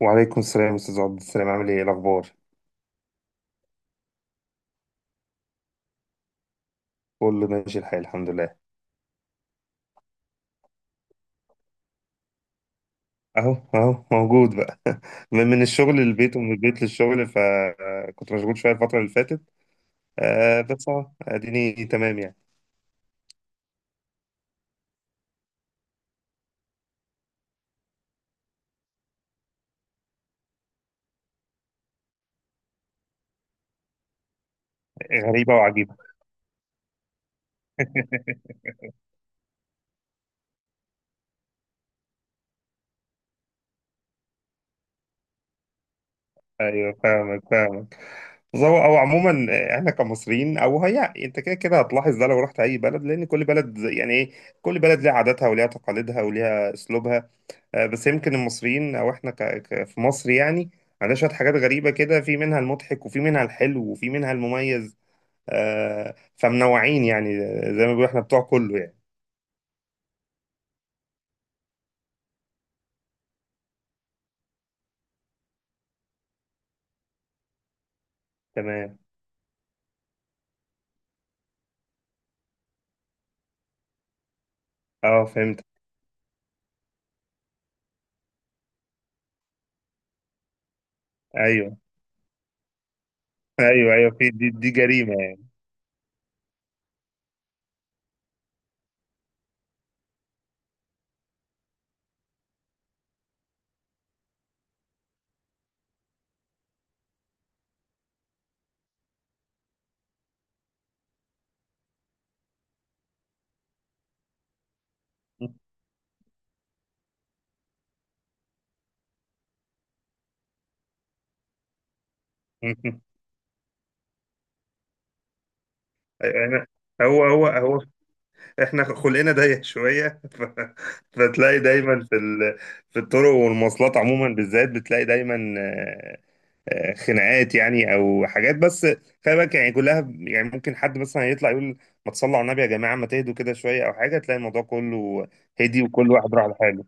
وعليكم السلام استاذ عبد السلام، عامل ايه؟ إيه الاخبار؟ كله ماشي الحال الحمد لله. اهو موجود بقى. من الشغل للبيت ومن البيت للشغل، فكنت مشغول شويه الفتره اللي فاتت. آه بس اهو اديني تمام يعني. غريبه وعجيبه. ايوه فاهمك. بس هو او عموما، احنا كمصريين، او هي انت كده كده هتلاحظ ده لو رحت اي بلد، لان كل بلد زي- يعني ايه كل بلد ليها عاداتها وليها تقاليدها وليها اسلوبها. بس يمكن المصريين او احنا في مصر يعني، عندنا شويه حاجات غريبه كده، في منها المضحك وفي منها الحلو وفي منها المميز. فمنوعين يعني، زي ما بيقولوا احنا بتوع كله يعني. تمام. اه فهمت. ايوه ايوه ايوه في دي، جريمه يعني. احنا. هو احنا خلقنا ضيق شويه. فتلاقي دايما في الطرق والمواصلات عموما، بالذات بتلاقي دايما خناقات يعني او حاجات، بس خلي بالك يعني كلها يعني ممكن حد مثلا يطلع يقول ما تصلوا على النبي يا جماعه، ما تهدوا كده شويه او حاجه، تلاقي الموضوع كله هدي وكل واحد راح لحاله.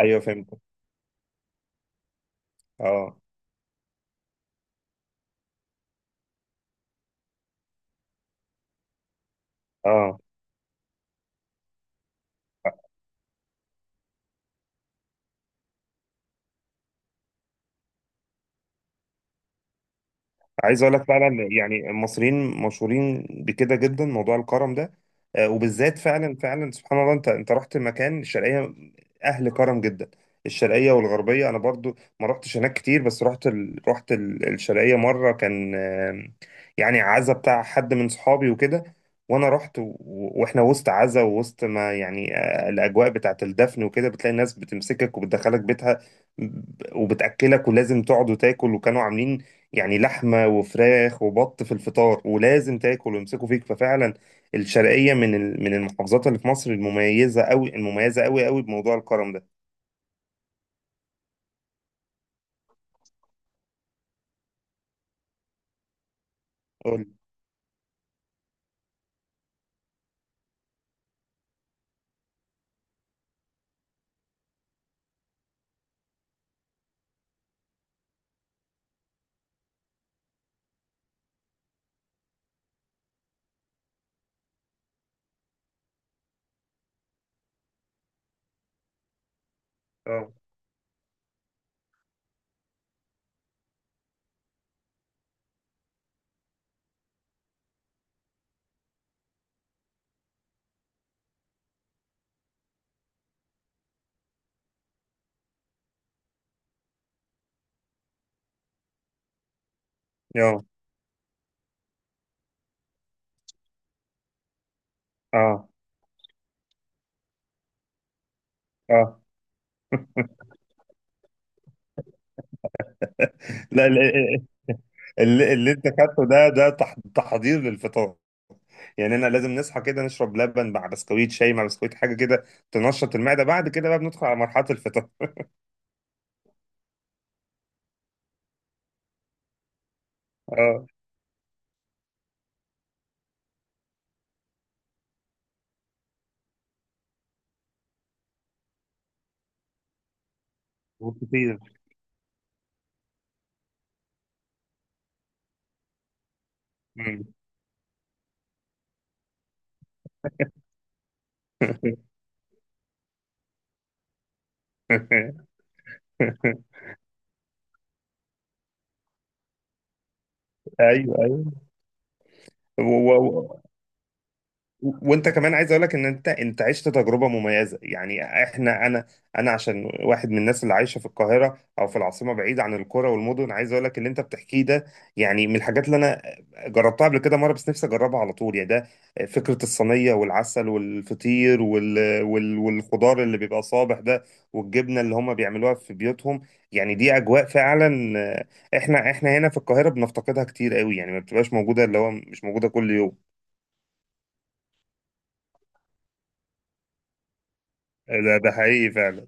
ايوه فهمت. اه اه. عايز اقول لك فعلا يعني المصريين مشهورين بكده جدا، موضوع الكرم ده. وبالذات فعلا فعلا سبحان الله، انت رحت مكان الشرقيه، اهل كرم جدا. الشرقيه والغربيه انا برضو ما رحتش هناك كتير، بس رحت الشرقيه مره، كان يعني عزا بتاع حد من صحابي وكده، وانا رحت واحنا وسط عزا ووسط ما يعني الاجواء بتاعت الدفن وكده، بتلاقي الناس بتمسكك وبتدخلك بيتها، وبتاكلك ولازم تقعد وتاكل، وكانوا عاملين يعني لحمة وفراخ وبط في الفطار، ولازم تاكل ويمسكوا فيك. ففعلا الشرقية من من المحافظات اللي في مصر المميزة قوي، المميزة قوي قوي بموضوع الكرم ده. قول. اه اه اه اه. لا اللي انت خدته ده تحضير للفطار، يعني انا لازم نصحى كده نشرب لبن مع بسكويت، شاي مع بسكويت، حاجة كده تنشط المعدة، بعد كده بقى بندخل على مرحلة الفطار. اه وكتير. مم. ايوه ايوه. وانت كمان عايز اقول لك ان انت عشت تجربه مميزه يعني. احنا انا عشان واحد من الناس اللي عايشه في القاهره او في العاصمه بعيد عن القرى والمدن، عايز اقول لك اللي انت بتحكيه ده يعني من الحاجات اللي انا جربتها قبل كده مره، بس نفسي اجربها على طول يعني. ده فكره الصينيه والعسل والفطير والخضار اللي بيبقى صابح ده، والجبنه اللي هم بيعملوها في بيوتهم، يعني دي اجواء فعلا. احنا احنا هنا في القاهره بنفتقدها كتير قوي يعني، ما بتبقاش موجوده، اللي هو مش موجوده كل يوم. ده ده حقيقي فعلا.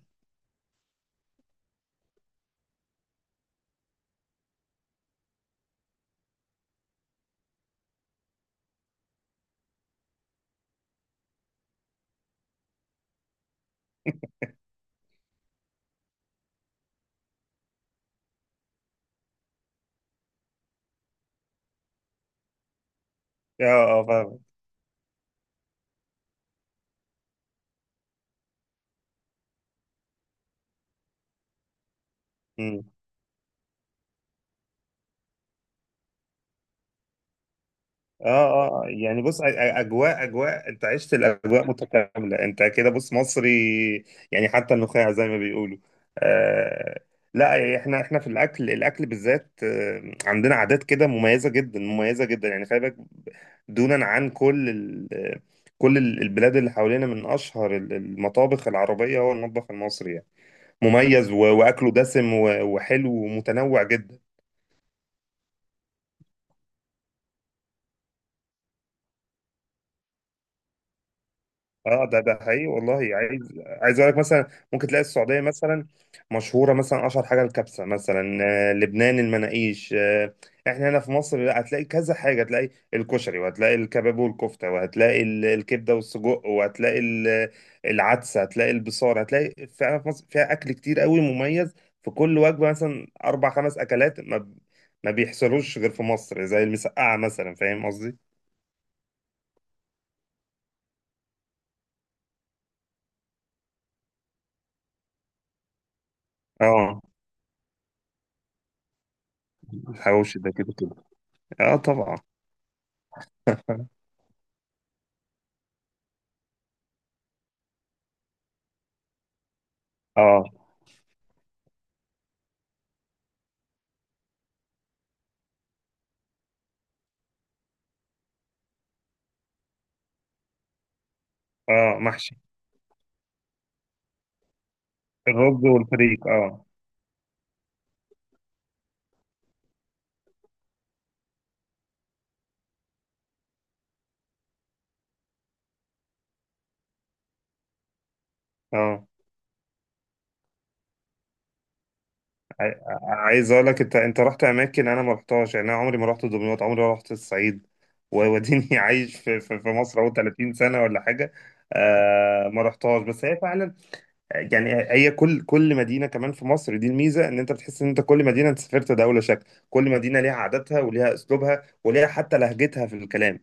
اه اه فاهم. مم. اه اه يعني بص اجواء، اجواء انت عشت الاجواء متكامله. انت كده بص مصري يعني حتى النخاع زي ما بيقولوا. آه لا احنا، احنا في الاكل، الاكل بالذات عندنا عادات كده مميزه جدا، مميزه جدا يعني. خلي بالك دونا عن كل كل البلاد اللي حوالينا، من اشهر المطابخ العربيه هو المطبخ المصري يعني، مميز واكله دسم وحلو ومتنوع جدا. اه ده ده حقيقي والله. عايز، عايز اقول لك مثلا ممكن تلاقي السعوديه مثلا مشهوره مثلا اشهر حاجه الكبسه مثلا، لبنان المناقيش. احنا هنا في مصر لا، هتلاقي كذا حاجه، هتلاقي الكشري وهتلاقي الكباب والكفته وهتلاقي الكبده والسجق وهتلاقي العدسه، هتلاقي البصار، هتلاقي فعلا في مصر فيها اكل كتير قوي مميز، في كل وجبه مثلا اربع خمس اكلات، ما بيحصلوش غير في مصر زي المسقعه مثلا، فاهم قصدي؟ اه الحواوشي ده كده كده. اه طبعا. اه اه محشي، الرز والفريك اه. اه عايز اقول لك انت رحت اماكن انا ما رحتهاش يعني. انا عمري ما رحت دمياط، عمري ما رحت الصعيد ووديني. عايش في مصر اهو 30 سنه ولا حاجه، آه ما رحتهاش. بس هي فعلا يعني هي كل، كل مدينه كمان في مصر دي الميزه، ان انت بتحس ان انت كل مدينه انت سافرت دوله شكل. كل مدينه ليها عاداتها وليها اسلوبها وليها حتى لهجتها في الكلام.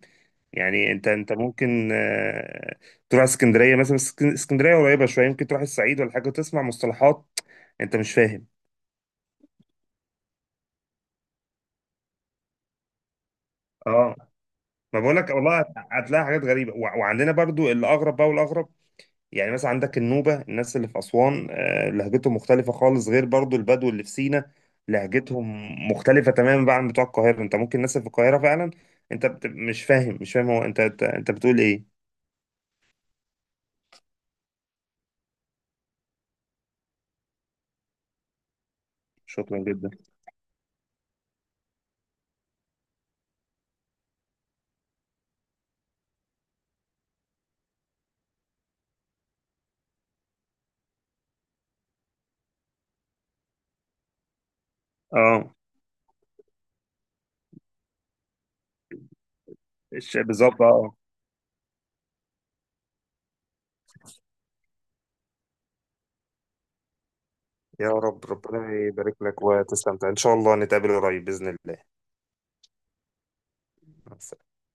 يعني انت ممكن تروح اسكندريه مثلا، بس اسكندريه قريبه شويه، يمكن تروح الصعيد ولا حاجه وتسمع مصطلحات انت مش فاهم. اه. ما بقولك والله هتلاقي حاجات غريبه وعندنا برضو الاغرب بقى، والاغرب يعني مثلا عندك النوبة، الناس اللي في أسوان لهجتهم مختلفة خالص، غير برضو البدو اللي في سينا لهجتهم مختلفة تماما بقى عن بتوع القاهرة. انت ممكن الناس اللي في القاهرة فعلا انت مش فاهم، مش فاهم هو، انت انت بتقول ايه؟ شكرا جدا. اه بالظبط اه. يا رب، ربنا يبارك لك وتستمتع، ان شاء الله نتقابل قريب بإذن الله.